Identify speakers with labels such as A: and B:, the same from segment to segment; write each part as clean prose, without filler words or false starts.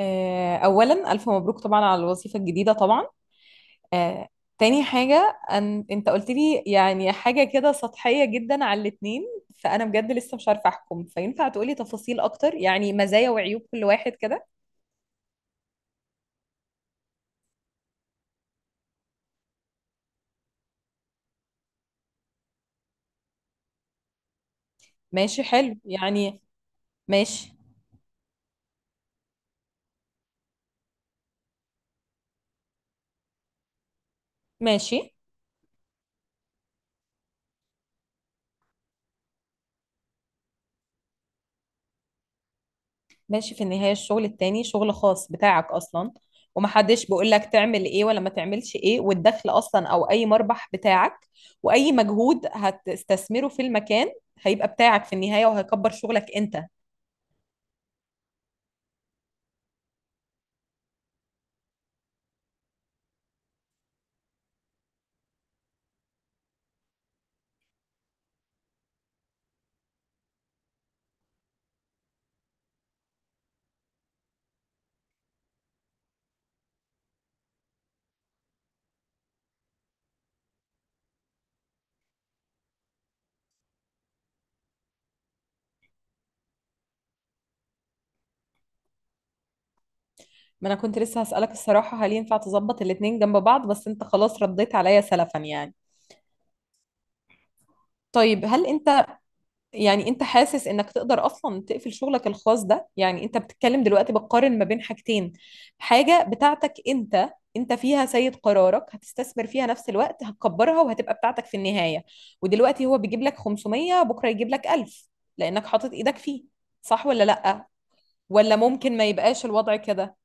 A: اولا الف مبروك طبعا على الوظيفه الجديده طبعا. آه، تاني حاجه انت قلت لي يعني حاجه كده سطحيه جدا على الاتنين، فانا بجد لسه مش عارفه احكم، فينفع تقولي تفاصيل اكتر يعني مزايا وعيوب كل واحد كده؟ ماشي، حلو يعني. ماشي ماشي. ماشي، في النهاية الشغل التاني شغل خاص بتاعك أصلا، ومحدش بيقول لك تعمل إيه ولا ما تعملش إيه، والدخل أصلا أو أي مربح بتاعك وأي مجهود هتستثمره في المكان هيبقى بتاعك في النهاية وهيكبر شغلك أنت. ما أنا كنت لسه هسألك الصراحة، هل ينفع تظبط الاتنين جنب بعض؟ بس أنت خلاص رديت عليا سلفا يعني. طيب هل أنت، يعني انت حاسس انك تقدر اصلا تقفل شغلك الخاص ده؟ يعني انت بتتكلم دلوقتي بتقارن ما بين حاجتين، حاجة بتاعتك انت، انت فيها سيد قرارك، هتستثمر فيها نفس الوقت، هتكبرها وهتبقى بتاعتك في النهاية. ودلوقتي هو بيجيب لك 500، بكرة يجيب لك 1000 لانك حاطط ايدك فيه. صح ولا لأ؟ ولا ممكن ما يبقاش الوضع كده؟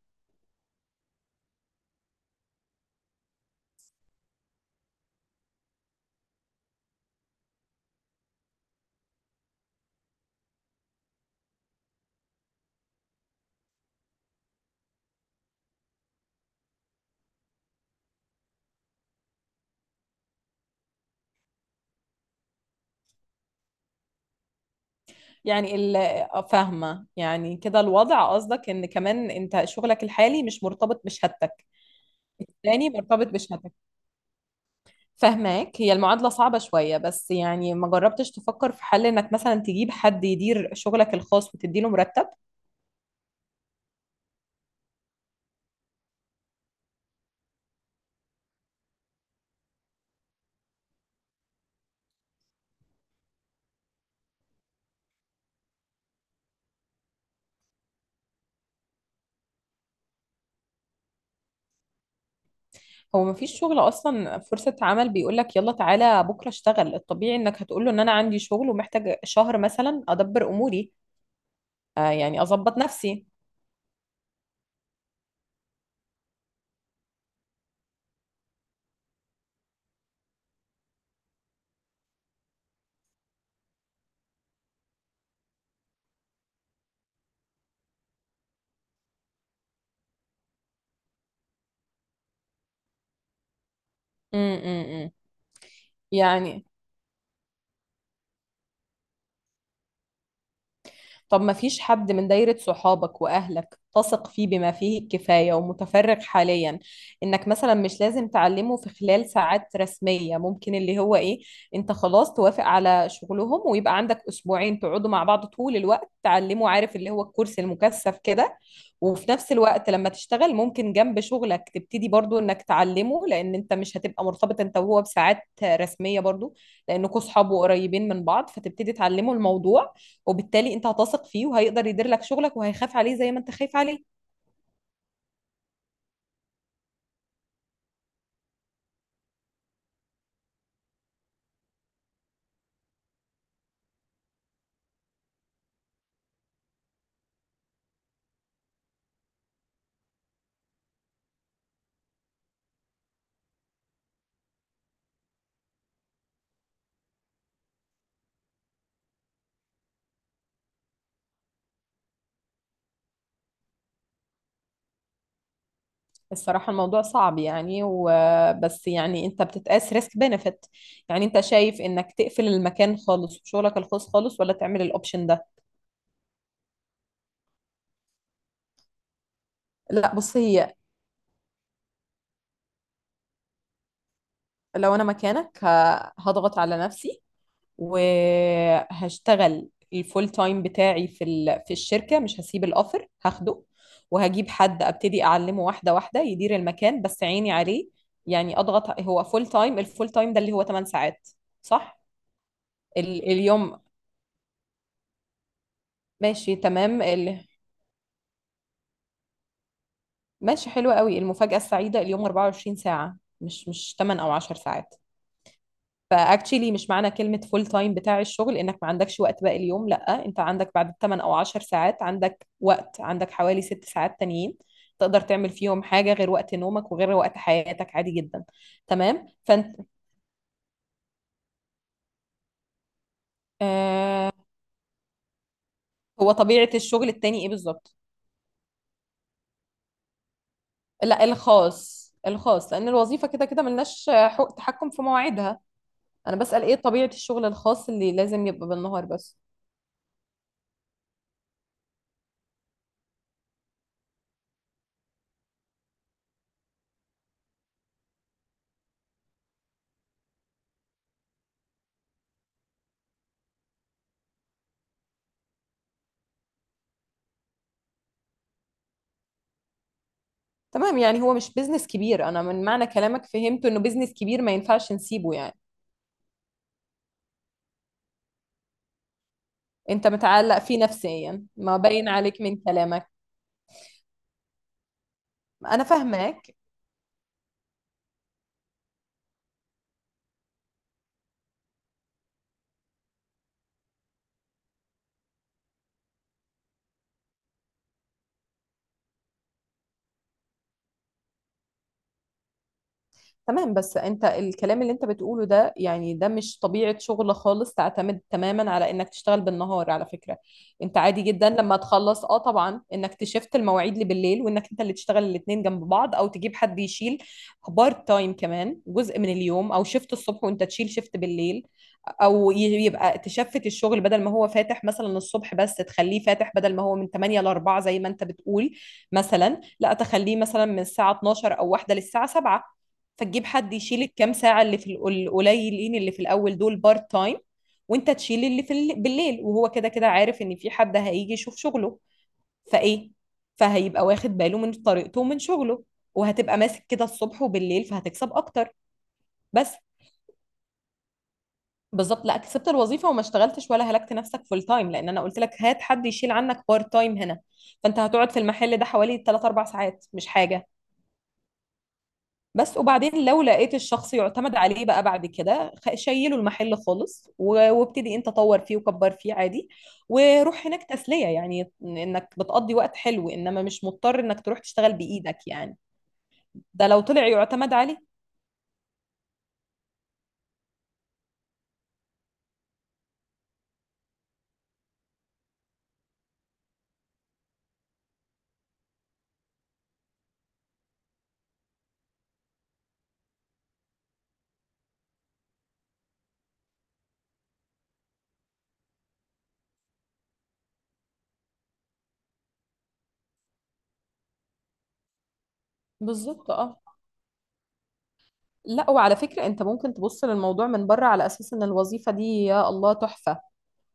A: فاهمة يعني كده الوضع، قصدك ان كمان انت شغلك الحالي مش مرتبط بشهادتك، التاني مرتبط بشهادتك. فهماك، هي المعادلة صعبة شوية، بس يعني ما جربتش تفكر في حل انك مثلا تجيب حد يدير شغلك الخاص وتديله مرتب؟ هو ما فيش شغل اصلا فرصة عمل بيقولك يلا تعالى بكرة اشتغل، الطبيعي انك هتقوله ان انا عندي شغل ومحتاج شهر مثلا ادبر اموري. آه يعني اظبط نفسي. م -م -م. يعني طب ما فيش حد من دايرة صحابك وأهلك تثق فيه بما فيه الكفاية ومتفرغ حاليا، إنك مثلا مش لازم تعلمه في خلال ساعات رسمية، ممكن اللي هو إيه، أنت خلاص توافق على شغلهم ويبقى عندك أسبوعين تقعدوا مع بعض طول الوقت تعلمه، عارف اللي هو الكورس المكثف كده، وفي نفس الوقت لما تشتغل ممكن جنب شغلك تبتدي برضو انك تعلمه، لان انت مش هتبقى مرتبط انت وهو بساعات رسمية برضو، لانكوا صحاب وقريبين من بعض، فتبتدي تعلمه الموضوع، وبالتالي انت هتثق فيه وهيقدر يدير لك شغلك وهيخاف عليه زي ما انت خايف عليه. الصراحة الموضوع صعب يعني، وبس يعني انت بتتقاس ريسك بنفيت. يعني انت شايف انك تقفل المكان خالص وشغلك الخاص خالص، ولا تعمل الاوبشن ده؟ لا بص هي، لو انا مكانك هضغط على نفسي، وهشتغل الفول تايم بتاعي في الشركة، مش هسيب الأوفر هاخده، وهجيب حد أبتدي أعلمه واحدة واحدة يدير المكان بس عيني عليه. يعني أضغط، هو فول تايم، الفول تايم ده اللي هو 8 ساعات، صح؟ اليوم ماشي تمام. ماشي، حلو قوي المفاجأة السعيدة، اليوم 24 ساعة مش 8 أو 10 ساعات. فاكتشلي، مش معنى كلمة فول تايم بتاع الشغل انك ما عندكش وقت باقي اليوم، لا انت عندك بعد 8 او 10 ساعات، عندك وقت، عندك حوالي 6 ساعات تانيين تقدر تعمل فيهم حاجة غير وقت نومك وغير وقت حياتك، عادي جدا. تمام فانت، آه، هو طبيعة الشغل التاني ايه بالظبط؟ لا الخاص، الخاص، لان الوظيفة كده كده ملناش حق تحكم في مواعيدها. انا بسأل ايه طبيعة الشغل الخاص اللي لازم يبقى بالنهار بس؟ تمام يعني هو مش بيزنس كبير، انا من معنى كلامك فهمت انه بيزنس كبير ما ينفعش نسيبه يعني. انت متعلق فيه نفسيا، ما باين عليك من كلامك. انا فاهماك. تمام، بس انت الكلام اللي انت بتقوله ده، يعني ده مش طبيعة شغل خالص تعتمد تماما على انك تشتغل بالنهار، على فكرة انت عادي جدا لما تخلص، اه طبعا، انك تشفت المواعيد اللي بالليل، وانك انت اللي تشتغل الاتنين جنب بعض، او تجيب حد يشيل بارت تايم كمان جزء من اليوم، او شفت الصبح وانت تشيل شفت بالليل، او يبقى تشفت الشغل، بدل ما هو فاتح مثلا الصبح بس، تخليه فاتح، بدل ما هو من 8 ل 4 زي ما انت بتقول مثلا، لا تخليه مثلا من الساعه 12 او 1 للساعه 7، فتجيب حد يشيل الكام ساعه اللي القليلين اللي في الاول دول بارت تايم، وانت تشيل اللي بالليل، وهو كده كده عارف ان في حد هيجي يشوف شغله، فايه، فهيبقى واخد باله من طريقته ومن شغله، وهتبقى ماسك كده الصبح وبالليل فهتكسب اكتر. بس بالظبط، لا كسبت الوظيفه وما اشتغلتش، ولا هلكت نفسك فول تايم، لان انا قلت لك هات حد يشيل عنك بارت تايم هنا، فانت هتقعد في المحل ده حوالي 3 4 ساعات، مش حاجه. بس وبعدين لو لقيت الشخص يعتمد عليه بقى بعد كده، شيله المحل خالص وابتدي انت طور فيه وكبر فيه عادي، وروح هناك تسليه، يعني انك بتقضي وقت حلو، انما مش مضطر انك تروح تشتغل بايدك يعني. ده لو طلع يعتمد عليه. بالظبط اه، لا وعلى فكرة انت ممكن تبص للموضوع من بره على اساس ان الوظيفة دي يا الله تحفة،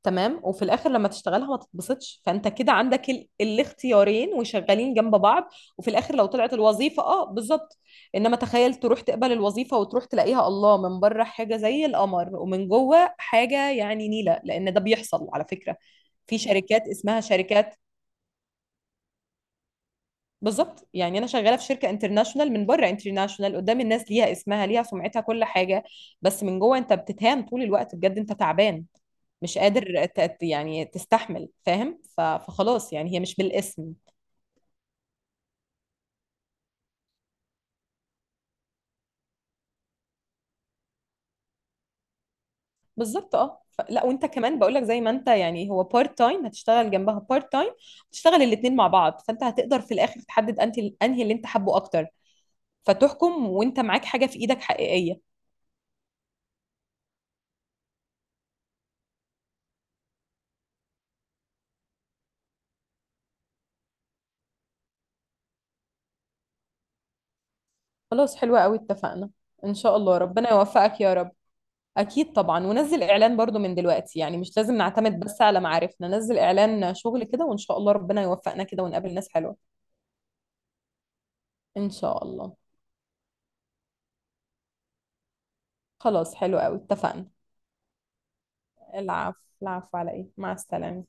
A: تمام، وفي الاخر لما تشتغلها ما تتبسطش، فانت كده عندك الاختيارين وشغالين جنب بعض. وفي الاخر لو طلعت الوظيفه اه بالظبط، انما تخيل تروح تقبل الوظيفه وتروح تلاقيها الله من بره حاجه زي القمر، ومن جوه حاجه يعني نيله، لان ده بيحصل على فكره، في شركات اسمها شركات. بالظبط، يعني انا شغاله في شركه انترناشونال، من بره انترناشونال، قدام الناس ليها اسمها، ليها سمعتها، كل حاجه، بس من جوه انت بتتهان طول الوقت بجد، انت تعبان، مش قادر يعني تستحمل، فاهم، فخلاص يعني هي مش بالاسم. بالظبط اه، لا وانت كمان بقول لك، زي ما انت يعني هو بارت تايم هتشتغل جنبها بارت تايم، تشتغل الاثنين مع بعض، فانت هتقدر في الاخر تحدد انت انهي اللي انت حابه اكتر، فتحكم وانت معاك حاجه في ايدك حقيقيه. خلاص، حلوه قوي، اتفقنا. ان شاء الله ربنا يوفقك يا رب. اكيد طبعا، ونزل اعلان برضو من دلوقتي، يعني مش لازم نعتمد بس على معارفنا، نزل اعلان شغل كده وان شاء الله ربنا يوفقنا كده ونقابل ناس حلوة. ان شاء الله. خلاص حلو قوي، اتفقنا. العفو العفو على ايه، مع السلامة.